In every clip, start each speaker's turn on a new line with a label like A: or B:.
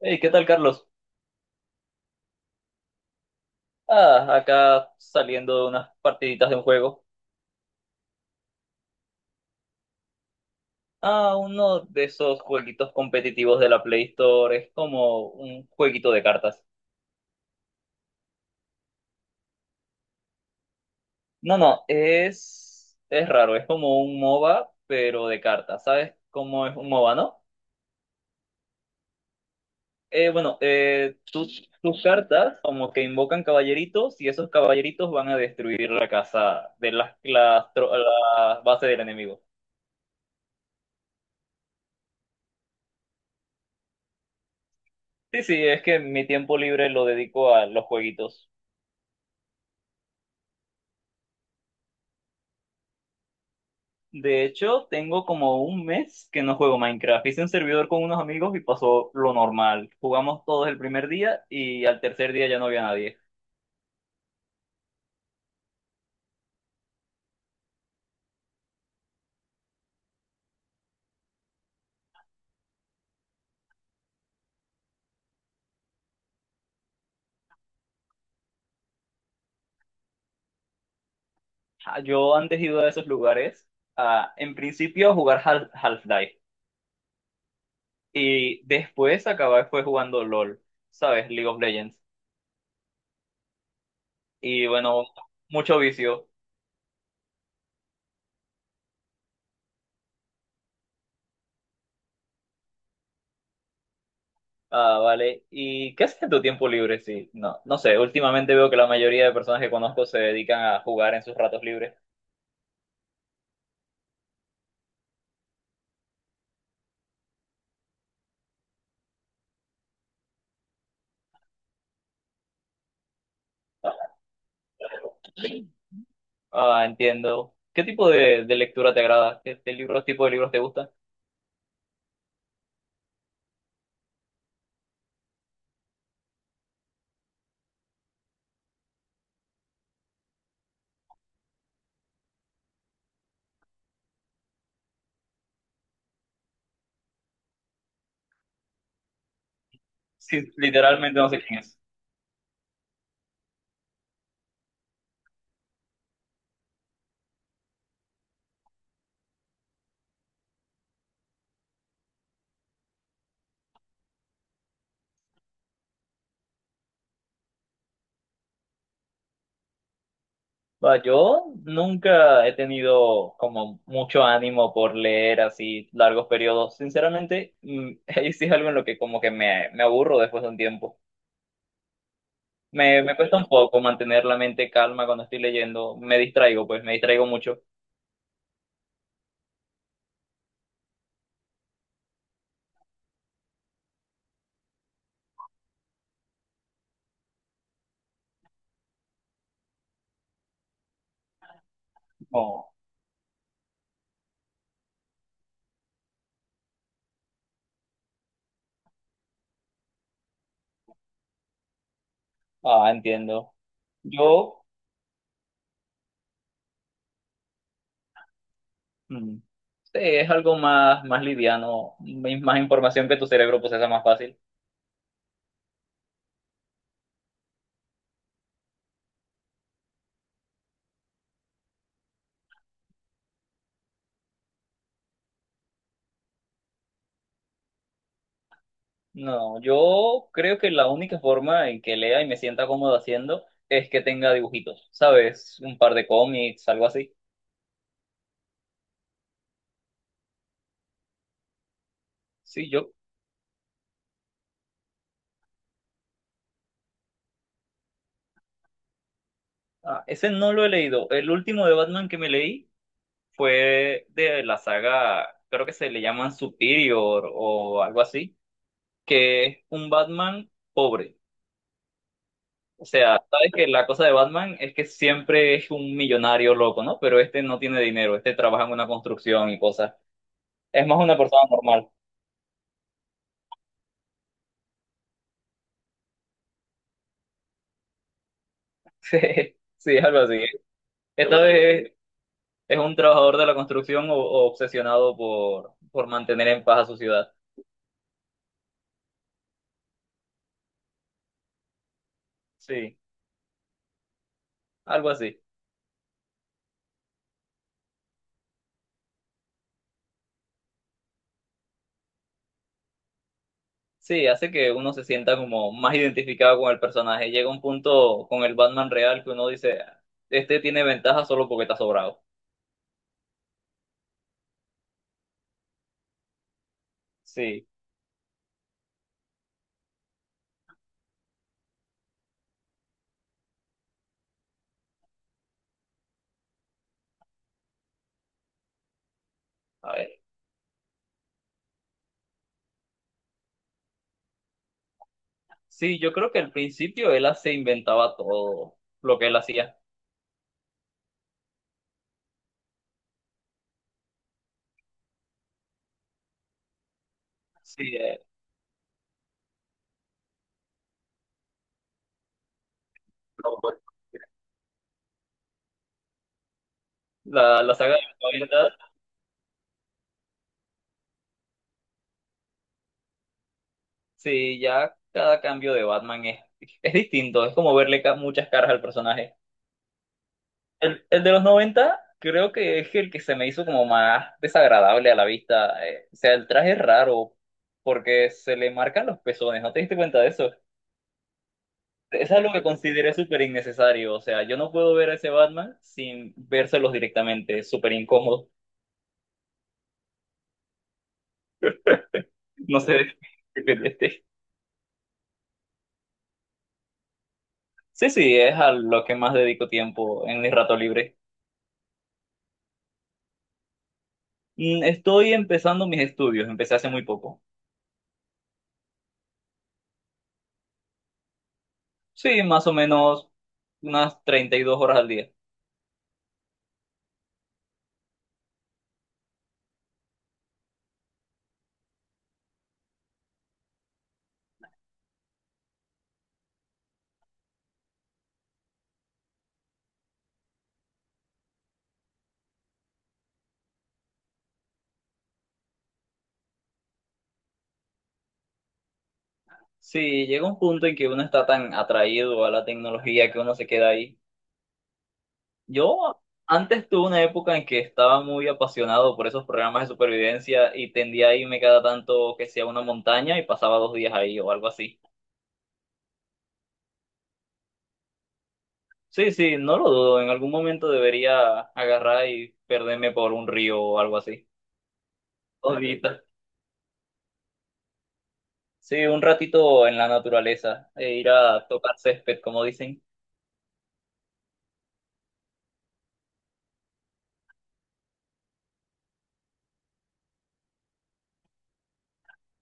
A: Hey, ¿qué tal, Carlos? Ah, acá saliendo de unas partiditas de un juego. Ah, uno de esos jueguitos competitivos de la Play Store. Es como un jueguito de cartas. No, no, es raro. Es como un MOBA, pero de cartas. ¿Sabes cómo es un MOBA, no? Bueno, tus cartas como que invocan caballeritos y esos caballeritos van a destruir la casa de la base del enemigo. Sí, sí, es que mi tiempo libre lo dedico a los jueguitos. De hecho, tengo como un mes que no juego Minecraft. Hice un servidor con unos amigos y pasó lo normal. Jugamos todos el primer día y al tercer día ya no había nadie. Ah, yo antes he ido a esos lugares, en principio a jugar Half-Life y después acabé fue jugando LOL, ¿sabes? League of Legends. Y bueno, mucho vicio. Ah, vale. ¿Y qué haces en tu tiempo libre? Sí, no, no sé. Últimamente veo que la mayoría de personas que conozco se dedican a jugar en sus ratos libres. Ah, entiendo. ¿Qué tipo de lectura te agrada? ¿Qué libros, tipo de libros te gustan? Sí, literalmente no sé quién es. Va, yo nunca he tenido como mucho ánimo por leer así largos periodos. Sinceramente, ahí sí es algo en lo que como que me aburro después de un tiempo. Me cuesta un poco mantener la mente calma cuando estoy leyendo. Me distraigo, pues me distraigo mucho. No. Ah, entiendo. Yo, mm, sí, es algo más, liviano, más información que tu cerebro procesa más fácil. No, yo creo que la única forma en que lea y me sienta cómodo haciendo es que tenga dibujitos, ¿sabes? Un par de cómics, algo así. Sí, ese no lo he leído. El último de Batman que me leí fue de la saga, creo que se le llaman Superior o algo así, que es un Batman pobre. O sea, sabes que la cosa de Batman es que siempre es un millonario loco, ¿no? Pero este no tiene dinero, este trabaja en una construcción y cosas. Es más una persona normal. Sí, sí, algo así. Esta vez es, un trabajador de la construcción o, obsesionado por mantener en paz a su ciudad. Sí, algo así. Sí, hace que uno se sienta como más identificado con el personaje. Llega un punto con el Batman real que uno dice, este tiene ventaja solo porque está sobrado. Sí, a ver. Sí, yo creo que al principio él se inventaba todo lo que él hacía. Sí, la saga de la. Sí, ya cada cambio de Batman es distinto, es como verle muchas caras al personaje. El de los 90 creo que es el que se me hizo como más desagradable a la vista. O sea, el traje es raro porque se le marcan los pezones, ¿no te diste cuenta de eso? Es algo que consideré súper innecesario, o sea, yo no puedo ver a ese Batman sin vérselos directamente, es súper incómodo. No sé, este, sí, sí, es a lo que más dedico tiempo en mi rato libre. Estoy empezando mis estudios, empecé hace muy poco. Sí, más o menos unas 32 horas al día. Sí, llega un punto en que uno está tan atraído a la tecnología que uno se queda ahí. Yo antes tuve una época en que estaba muy apasionado por esos programas de supervivencia y tendía a irme cada tanto que sea a una montaña y pasaba 2 días ahí o algo así. Sí, sí, no lo dudo, en algún momento debería agarrar y perderme por un río o algo así. Odita. Sí, un ratito en la naturaleza e ir a tocar césped, como dicen.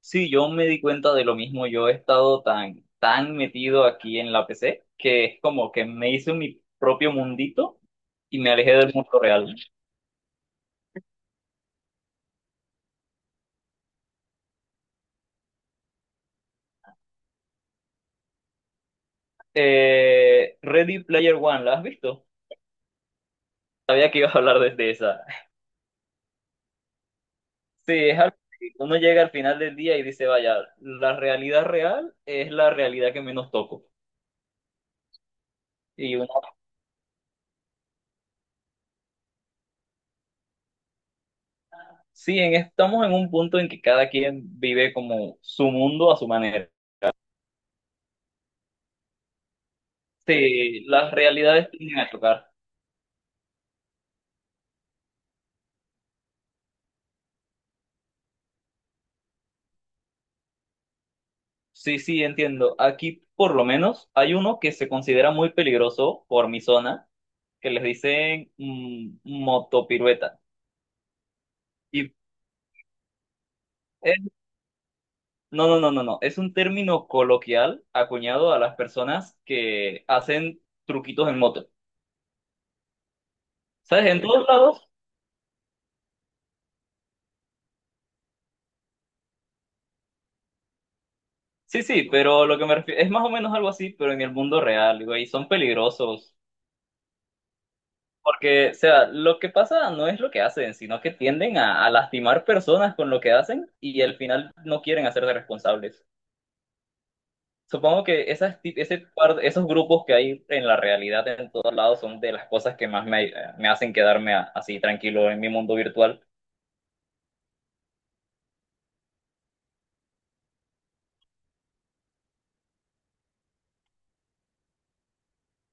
A: Sí, yo me di cuenta de lo mismo. Yo he estado tan, tan metido aquí en la PC que es como que me hice mi propio mundito y me alejé del mundo real. Ready Player One, ¿la has visto? Sabía que ibas a hablar desde esa. Sí, es algo que uno llega al final del día y dice, vaya, la realidad real es la realidad que menos toco. Y Sí, estamos en un punto en que cada quien vive como su mundo a su manera. Sí, las realidades tienden a tocar. Sí, sí, entiendo. Aquí, por lo menos, hay uno que se considera muy peligroso por mi zona, que les dicen motopirueta. Y es- no, no, no, no, no. Es un término coloquial acuñado a las personas que hacen truquitos en moto. ¿Sabes? En todos lados. Sí, sí, pero lo que me refiero es más o menos algo así, pero en el mundo real, güey, son peligrosos. Porque, o sea, lo que pasa no es lo que hacen, sino que tienden a lastimar personas con lo que hacen y al final no quieren hacerse responsables. Supongo que esas, ti- ese par- esos grupos que hay en la realidad en todos lados son de las cosas que más me hacen quedarme así tranquilo en mi mundo virtual.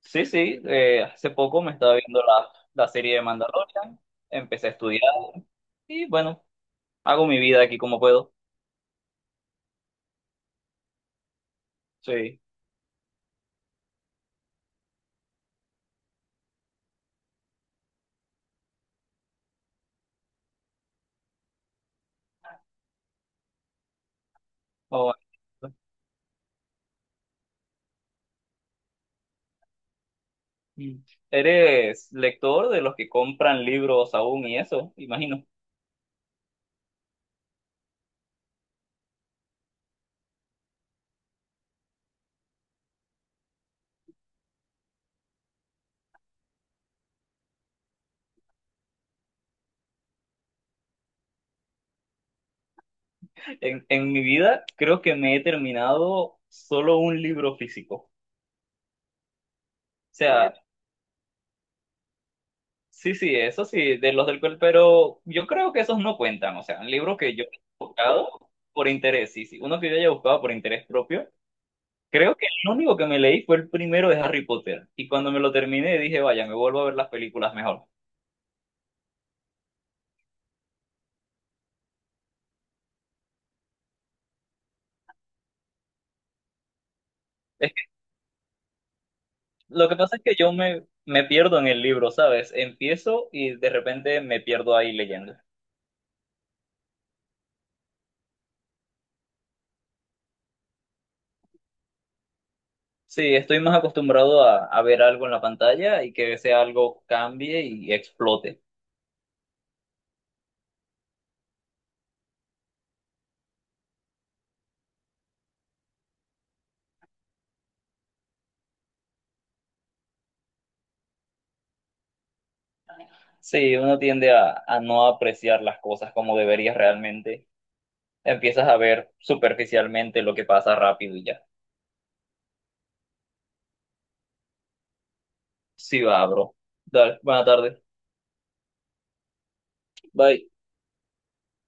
A: Sí, sí, hace poco me estaba viendo la serie de Mandalorian, empecé a estudiar y bueno, hago mi vida aquí como puedo. Sí. Oh. Mm. ¿Eres lector de los que compran libros aún y eso? Imagino. En mi vida creo que me he terminado solo un libro físico. O sea, bueno, sí, sí, eso sí, de los del cual, pero yo creo que esos no cuentan. O sea, libros que yo he buscado por interés, sí, sí. Uno que yo haya buscado por interés propio. Creo que el único que me leí fue el primero de Harry Potter. Y cuando me lo terminé dije, vaya, me vuelvo a ver las películas mejor. Lo que pasa es que yo me pierdo en el libro, ¿sabes? Empiezo y de repente me pierdo ahí leyendo. Sí, estoy más acostumbrado a ver algo en la pantalla y que ese algo cambie y explote. Sí, uno tiende a no apreciar las cosas como deberías realmente. Empiezas a ver superficialmente lo que pasa rápido y ya. Sí, va, bro. Dale, buena tarde. Bye.